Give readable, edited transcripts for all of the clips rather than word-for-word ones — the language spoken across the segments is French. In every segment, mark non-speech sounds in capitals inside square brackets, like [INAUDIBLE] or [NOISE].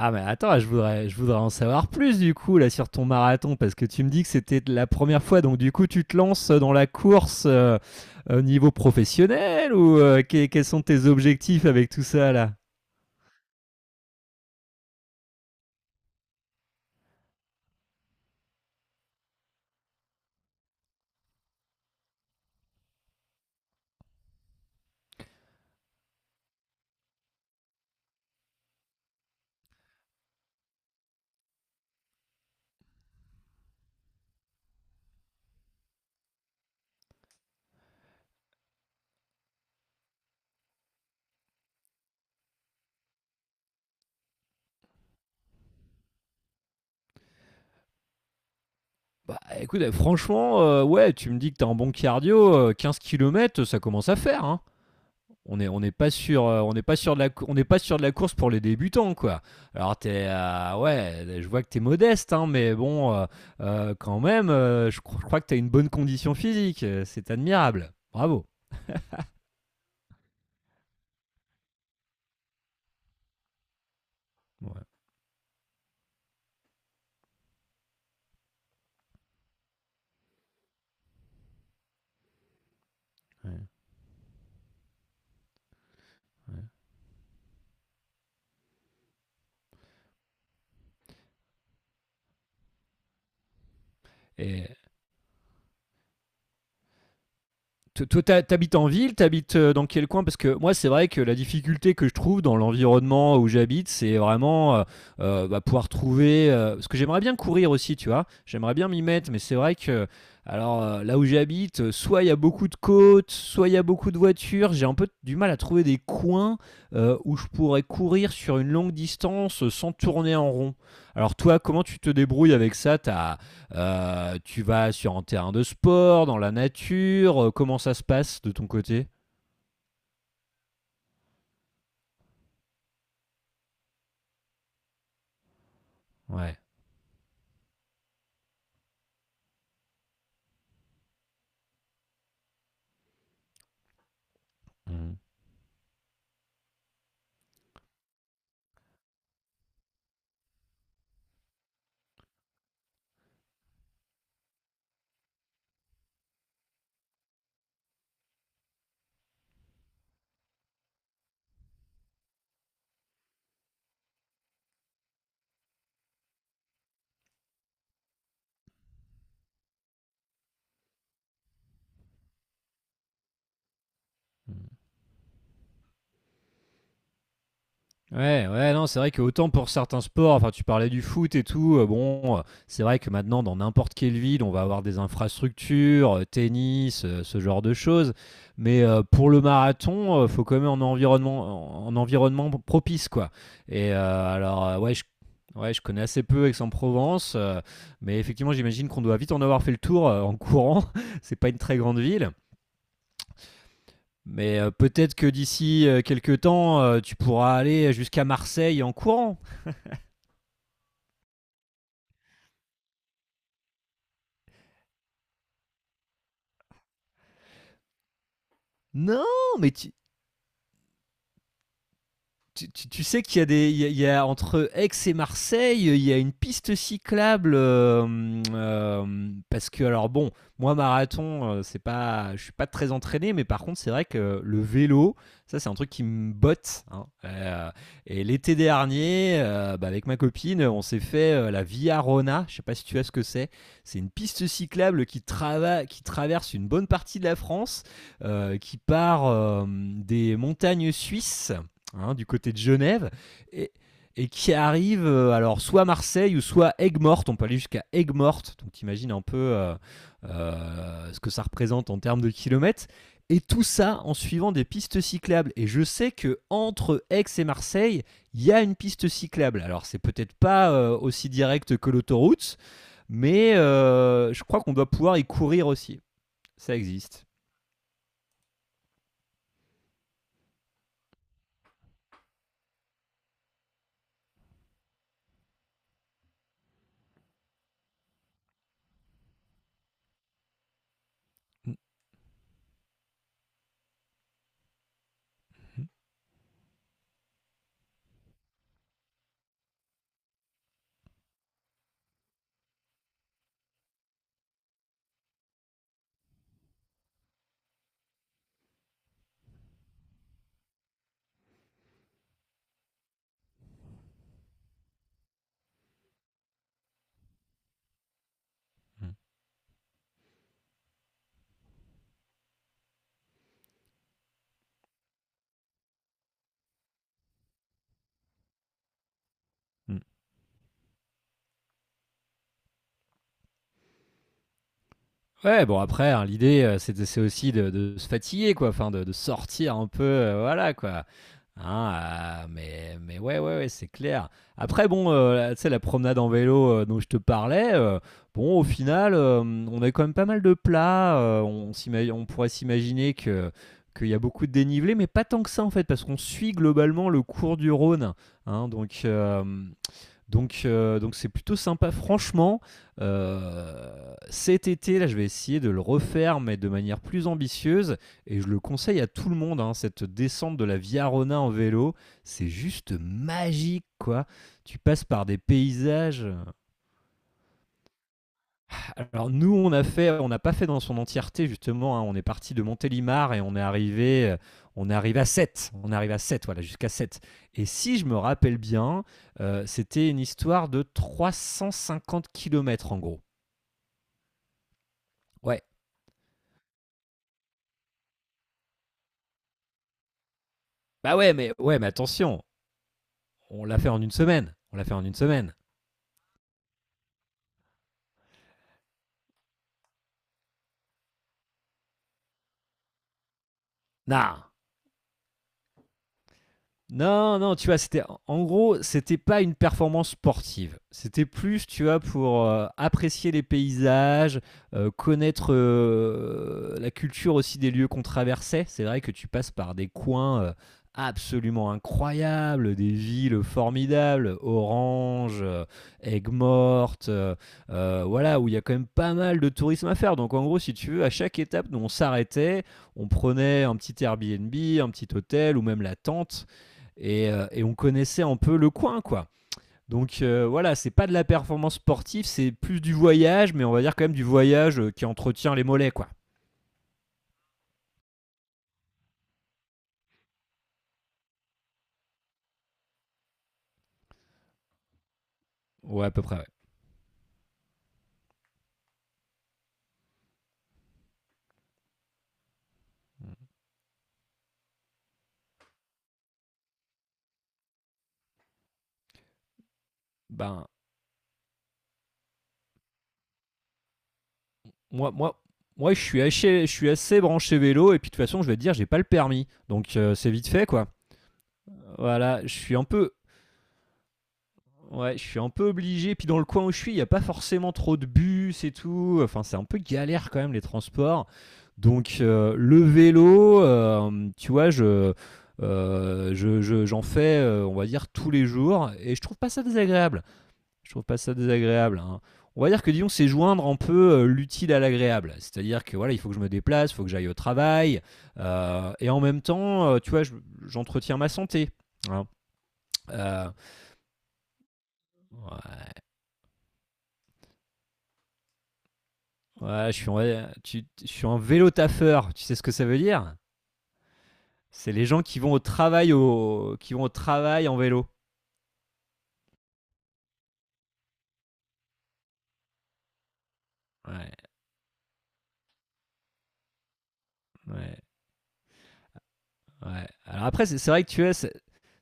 Ah mais attends, je voudrais en savoir plus du coup là sur ton marathon parce que tu me dis que c'était la première fois, donc du coup tu te lances dans la course au niveau professionnel ou quels sont tes objectifs avec tout ça là? Bah écoute, franchement, ouais, tu me dis que t'es en bon cardio, 15 km, ça commence à faire, hein. On n'est pas sûr on n'est pas sûr de la on n'est pas sûr de la course pour les débutants, quoi. Alors t'es ouais, je vois que t'es modeste, hein, mais bon quand même je crois que t'as une bonne condition physique, c'est admirable. Bravo. Ouais, ouais, ouais. Toi, t'habites en ville, t'habites dans quel coin? Parce que moi, c'est vrai que la difficulté que je trouve dans l'environnement où j'habite, c'est vraiment bah, pouvoir trouver. Parce que j'aimerais bien courir aussi, tu vois. J'aimerais bien m'y mettre, mais c'est vrai que, alors là où j'habite, soit il y a beaucoup de côtes, soit il y a beaucoup de voitures. J'ai un peu du mal à trouver des coins où je pourrais courir sur une longue distance sans tourner en rond. Alors toi, comment tu te débrouilles avec ça? T'as tu vas sur un terrain de sport, dans la nature? Comment ça se passe de ton côté? Ouais. Mhm. Ouais, ouais, non, c'est vrai que autant pour certains sports, enfin tu parlais du foot et tout, bon, c'est vrai que maintenant dans n'importe quelle ville, on va avoir des infrastructures, tennis, ce genre de choses. Mais, pour le marathon, faut quand même un environnement propice, quoi. Et, ouais, je connais assez peu Aix-en-Provence, mais effectivement, j'imagine qu'on doit vite en avoir fait le tour, en courant. [LAUGHS] C'est pas une très grande ville. Mais, peut-être que d'ici, quelque temps, tu pourras aller jusqu'à Marseille en courant. Non, mais tu sais qu'il y a il y a entre Aix et Marseille, il y a une piste cyclable parce que alors bon, moi marathon, c'est pas, je suis pas très entraîné, mais par contre c'est vrai que le vélo, ça c'est un truc qui me botte, hein. Et l'été dernier, bah, avec ma copine, on s'est fait la Via Rona. Je sais pas si tu vois ce que c'est. C'est une piste cyclable qui, qui traverse une bonne partie de la France, qui part des montagnes suisses, hein, du côté de Genève, et, et qui arrive alors soit à Marseille ou soit Aigues-Mortes. On peut aller jusqu'à Aigues-Mortes, donc t'imagines un peu ce que ça représente en termes de kilomètres. Et tout ça en suivant des pistes cyclables. Et je sais que entre Aix et Marseille, il y a une piste cyclable. Alors c'est peut-être pas aussi direct que l'autoroute, mais je crois qu'on doit pouvoir y courir aussi. Ça existe. Mm. Ouais, bon après, hein, l'idée, c'est aussi de se fatiguer, quoi, enfin, de sortir un peu, voilà, quoi. Hein, mais ouais, ouais, ouais, c'est clair. Après, bon, tu sais, la promenade en vélo dont je te parlais, bon, au final, on a quand même pas mal de plats. On pourrait s'imaginer que qu'il y a beaucoup de dénivelé, mais pas tant que ça, en fait, parce qu'on suit globalement le cours du Rhône, hein, donc c'est plutôt sympa. Franchement, cet été, là, je vais essayer de le refaire, mais de manière plus ambitieuse. Et je le conseille à tout le monde, hein, cette descente de la Via Rona en vélo. C'est juste magique, quoi. Tu passes par des paysages. Alors nous, on n'a pas fait dans son entièreté justement, hein. On est parti de Montélimar et on est arrivé, On arrive à 7, voilà, jusqu'à 7. Et si je me rappelle bien, c'était une histoire de 350 kilomètres en gros. Ouais. Bah ouais, mais attention, on l'a fait en une semaine. On l'a fait en une semaine. Nah, Non, non, tu vois, c'était en gros, c'était pas une performance sportive. C'était plus, tu vois, pour apprécier les paysages, connaître la culture aussi des lieux qu'on traversait. C'est vrai que tu passes par des coins absolument incroyables, des villes formidables, Orange, Aigues-Mortes, voilà, où il y a quand même pas mal de tourisme à faire. Donc en gros, si tu veux, à chaque étape, nous on s'arrêtait, on prenait un petit Airbnb, un petit hôtel ou même la tente, et on connaissait un peu le coin, quoi. Donc voilà, c'est pas de la performance sportive, c'est plus du voyage, mais on va dire quand même du voyage qui entretient les mollets, quoi. Ouais, à peu près, ouais. Ben, moi, moi, moi, je suis assez branché vélo, et puis de toute façon, je vais te dire, j'ai pas le permis, donc c'est vite fait, quoi. Voilà, je suis un peu, ouais, je suis un peu obligé. Puis dans le coin où je suis, il n'y a pas forcément trop de bus et tout. Enfin, c'est un peu galère quand même les transports. Donc le vélo, tu vois, j'en fais, on va dire, tous les jours. Et je trouve pas ça désagréable. Je trouve pas ça désagréable, hein. On va dire que disons, c'est joindre un peu l'utile à l'agréable. C'est-à-dire que voilà, il faut que je me déplace, il faut que j'aille au travail. Et en même temps, tu vois, j'entretiens ma santé, hein. Euh, Ouais, je suis un vélo taffeur. Tu sais ce que ça veut dire? C'est les gens qui vont au travail en vélo. Ouais, ouais. Ouais. Alors après, c'est vrai que tu es, c'est-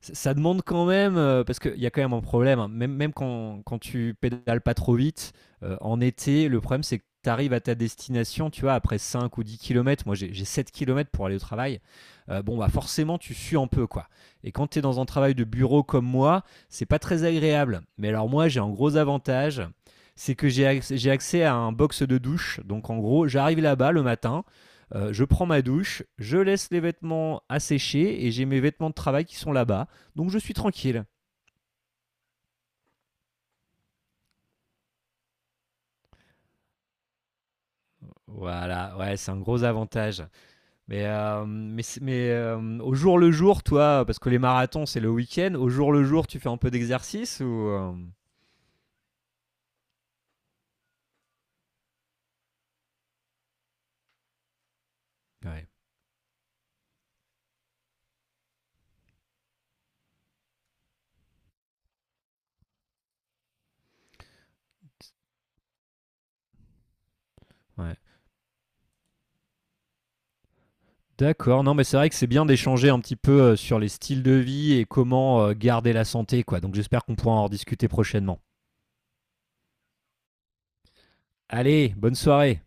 c'est- ça demande quand même, parce qu'il y a quand même un problème, hein. Même, quand tu pédales pas trop vite, en été, le problème c'est que tu arrives à ta destination, tu vois, après 5 ou 10 kilomètres. Moi j'ai 7 km pour aller au travail, bon bah forcément tu sues un peu, quoi. Et quand tu es dans un travail de bureau comme moi, c'est pas très agréable. Mais alors moi j'ai un gros avantage, c'est que j'ai accès à un box de douche, donc en gros j'arrive là-bas le matin, je prends ma douche, je laisse les vêtements à sécher et j'ai mes vêtements de travail qui sont là-bas. Donc je suis tranquille. Voilà, ouais, c'est un gros avantage. Mais, au jour le jour, toi, parce que les marathons, c'est le week-end, au jour le jour, tu fais un peu d'exercice ou... ouais, ouais. D'accord, non, mais c'est vrai que c'est bien d'échanger un petit peu sur les styles de vie et comment garder la santé, quoi. Donc j'espère qu'on pourra en rediscuter prochainement. Allez, bonne soirée.